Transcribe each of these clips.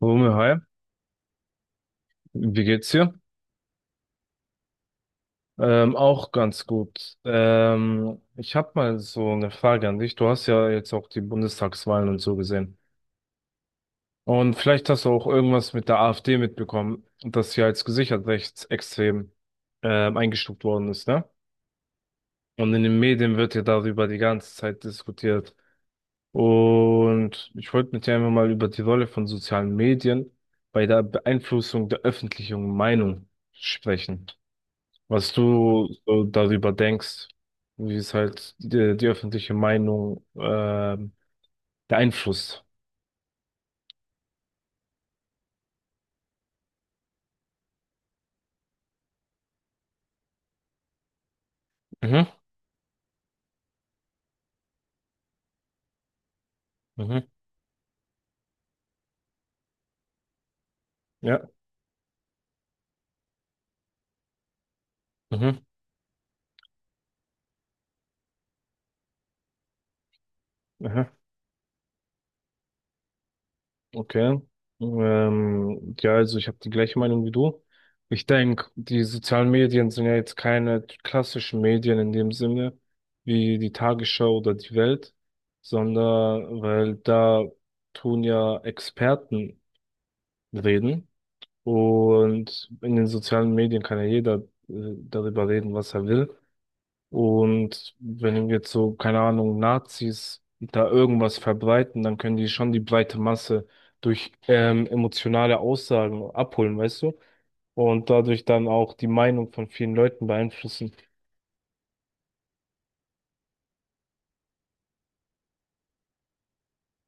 Wumme, hi, wie geht's dir? Auch ganz gut. Ich habe mal so eine Frage an dich. Du hast ja jetzt auch die Bundestagswahlen und so gesehen. Und vielleicht hast du auch irgendwas mit der AfD mitbekommen, dass sie als gesichert rechtsextrem eingestuft worden ist, ne? Und in den Medien wird ja darüber die ganze Zeit diskutiert. Und ich wollte mit dir einfach mal über die Rolle von sozialen Medien bei der Beeinflussung der öffentlichen Meinung sprechen, was du so darüber denkst, wie es halt die öffentliche Meinung beeinflusst. Mhm, mhm, ja, mhm, aha, okay. Ja, also ich habe die gleiche Meinung wie du. Ich denke, die sozialen Medien sind ja jetzt keine klassischen Medien in dem Sinne, wie die Tagesschau oder die Welt, sondern weil da tun ja Experten reden. Und in den sozialen Medien kann ja jeder darüber reden, was er will. Und wenn jetzt so, keine Ahnung, Nazis da irgendwas verbreiten, dann können die schon die breite Masse durch emotionale Aussagen abholen, weißt du? Und dadurch dann auch die Meinung von vielen Leuten beeinflussen.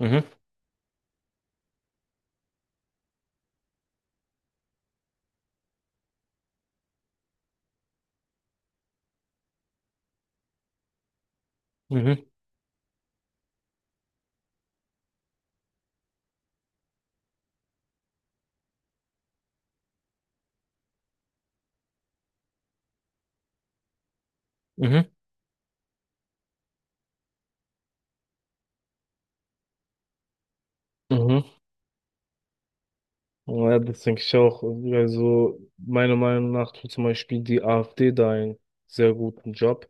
Mhm, mhm, mhm, mhm. Ja, das denke ich auch. Also meiner Meinung nach tut zum Beispiel die AfD da einen sehr guten Job.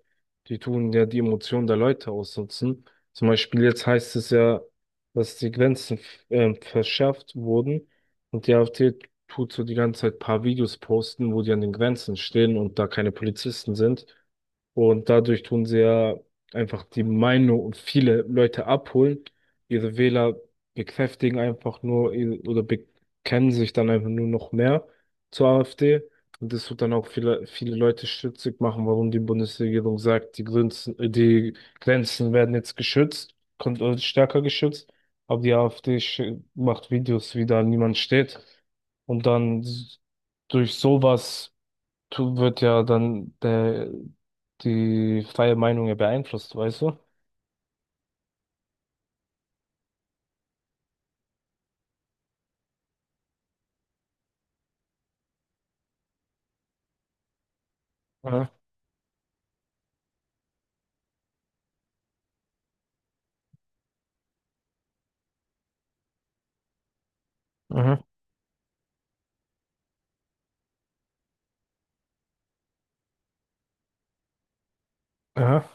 Die tun ja die Emotionen der Leute ausnutzen. Zum Beispiel jetzt heißt es ja, dass die Grenzen verschärft wurden und die AfD tut so die ganze Zeit ein paar Videos posten, wo die an den Grenzen stehen und da keine Polizisten sind. Und dadurch tun sie ja einfach die Meinung und viele Leute abholen, ihre Wähler bekräftigen einfach nur ihr- oder be kennen sich dann einfach nur noch mehr zur AfD. Und das wird dann auch viele, viele Leute stutzig machen, warum die Bundesregierung sagt, die Grenzen werden jetzt geschützt, kommt stärker geschützt. Aber die AfD macht Videos, wie da niemand steht. Und durch sowas wird ja dann die freie Meinung ja beeinflusst, weißt du? Aha, aha, aha.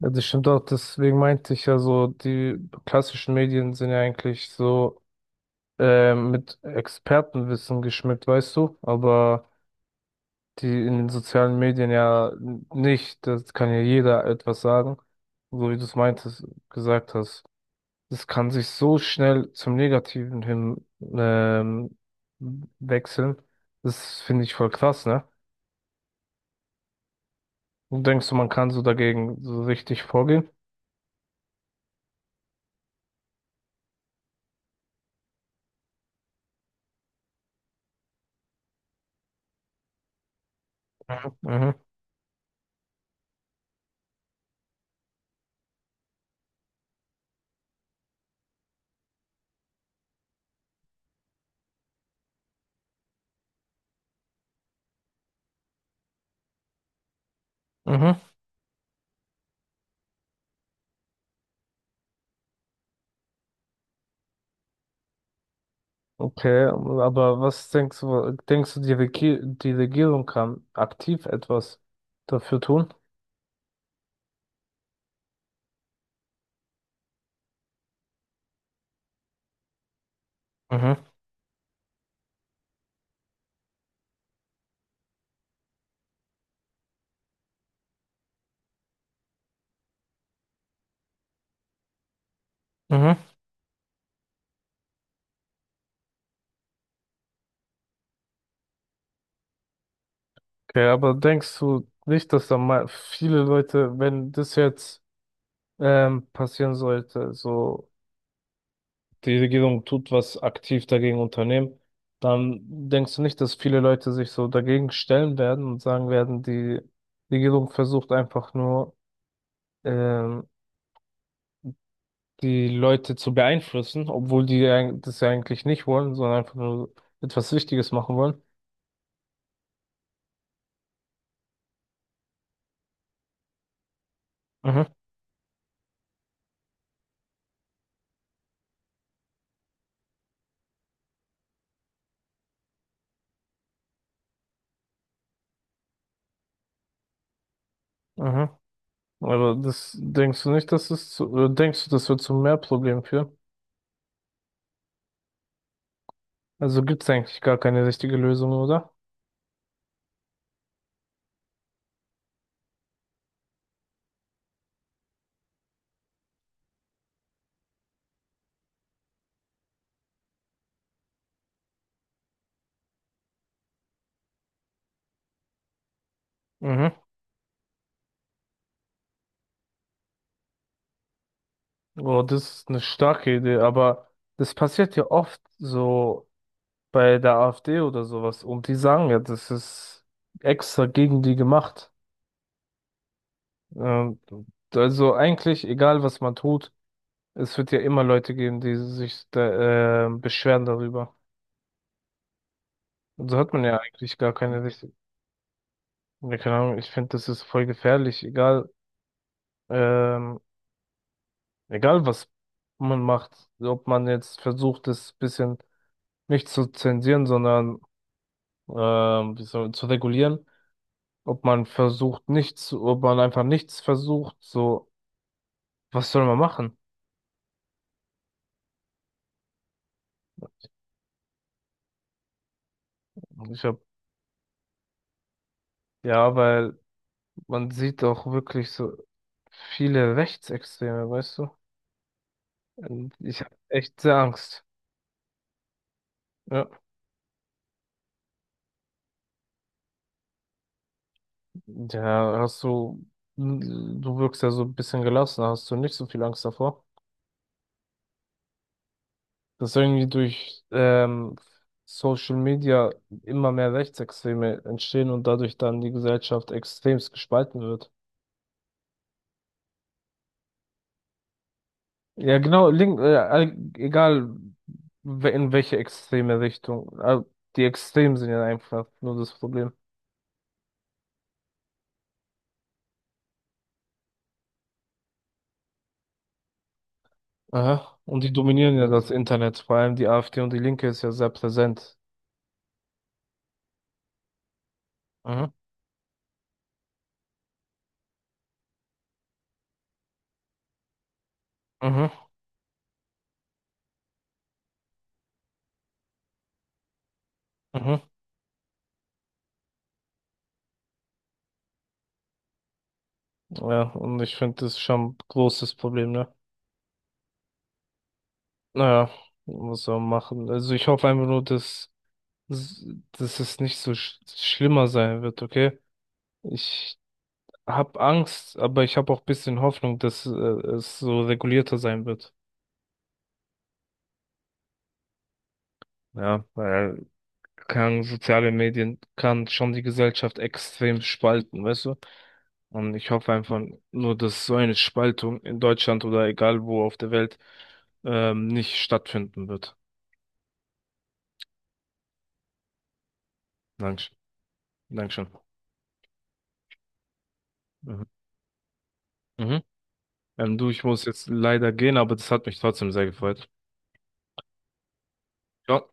Ja, das stimmt auch, deswegen meinte ich ja so, die klassischen Medien sind ja eigentlich so mit Expertenwissen geschmückt, weißt du, aber die in den sozialen Medien ja nicht, das kann ja jeder etwas sagen, so wie du es meintest, gesagt hast. Das kann sich so schnell zum Negativen hin ähm, wechseln. Das finde ich voll krass, ne? Und denkst du, man kann so dagegen so richtig vorgehen? Mhm. Mhm. Okay, aber was denkst du, die Regierung kann aktiv etwas dafür tun? Mhm. Mhm. Okay, aber denkst du nicht, dass da mal viele Leute, wenn das jetzt passieren sollte, so die Regierung tut was aktiv dagegen unternehmen, dann denkst du nicht, dass viele Leute sich so dagegen stellen werden und sagen werden, die Regierung versucht einfach nur ähm, die Leute zu beeinflussen, obwohl die ja das ja eigentlich nicht wollen, sondern einfach nur etwas Wichtiges machen wollen. Mhm, mhm. Aber das denkst du nicht, dass es zu, oder denkst du, das wird zu mehr Problemen führen? Also gibt es eigentlich gar keine richtige Lösung, oder? Mhm. Oh, das ist eine starke Idee, aber das passiert ja oft so bei der AfD oder sowas. Und die sagen ja, das ist extra gegen die gemacht. Ähm, also eigentlich, egal was man tut, es wird ja immer Leute geben, die sich da beschweren darüber. Und so hat man ja eigentlich gar keine richtige, ja, keine Ahnung, ich finde, das ist voll gefährlich, egal, ähm, egal was man macht, ob man jetzt versucht, das bisschen nicht zu zensieren, sondern zu regulieren, ob man versucht nichts, ob man einfach nichts versucht, so. Was soll man machen? Ich hab, ja, weil man sieht auch wirklich so viele Rechtsextreme, weißt du? Und ich habe echt sehr Angst. Ja. Ja, hast du, hm, du wirkst ja so ein bisschen gelassen, hast du nicht so viel Angst davor, dass irgendwie durch Social Media immer mehr Rechtsextreme entstehen und dadurch dann die Gesellschaft extremst gespalten wird. Ja, genau, egal in welche extreme Richtung. Die Extremen sind ja einfach nur das Problem. Aha. Und die dominieren ja das Internet, vor allem die AfD und die Linke ist ja sehr präsent. Mhm. Mhm. Mhm. Ja, und ich finde, das ist schon ein großes Problem, ne? Naja, muss man machen. Also ich hoffe einfach nur, dass, dass es nicht so schlimmer sein wird, okay? Ich habe Angst, aber ich habe auch ein bisschen Hoffnung, dass es so regulierter sein wird. Ja, weil kann, soziale Medien kann schon die Gesellschaft extrem spalten, weißt du? Und ich hoffe einfach nur, dass so eine Spaltung in Deutschland oder egal wo auf der Welt nicht stattfinden wird. Dankeschön. Dankeschön. Mhm. Mhm. Du, ich muss jetzt leider gehen, aber das hat mich trotzdem sehr gefreut. Ciao.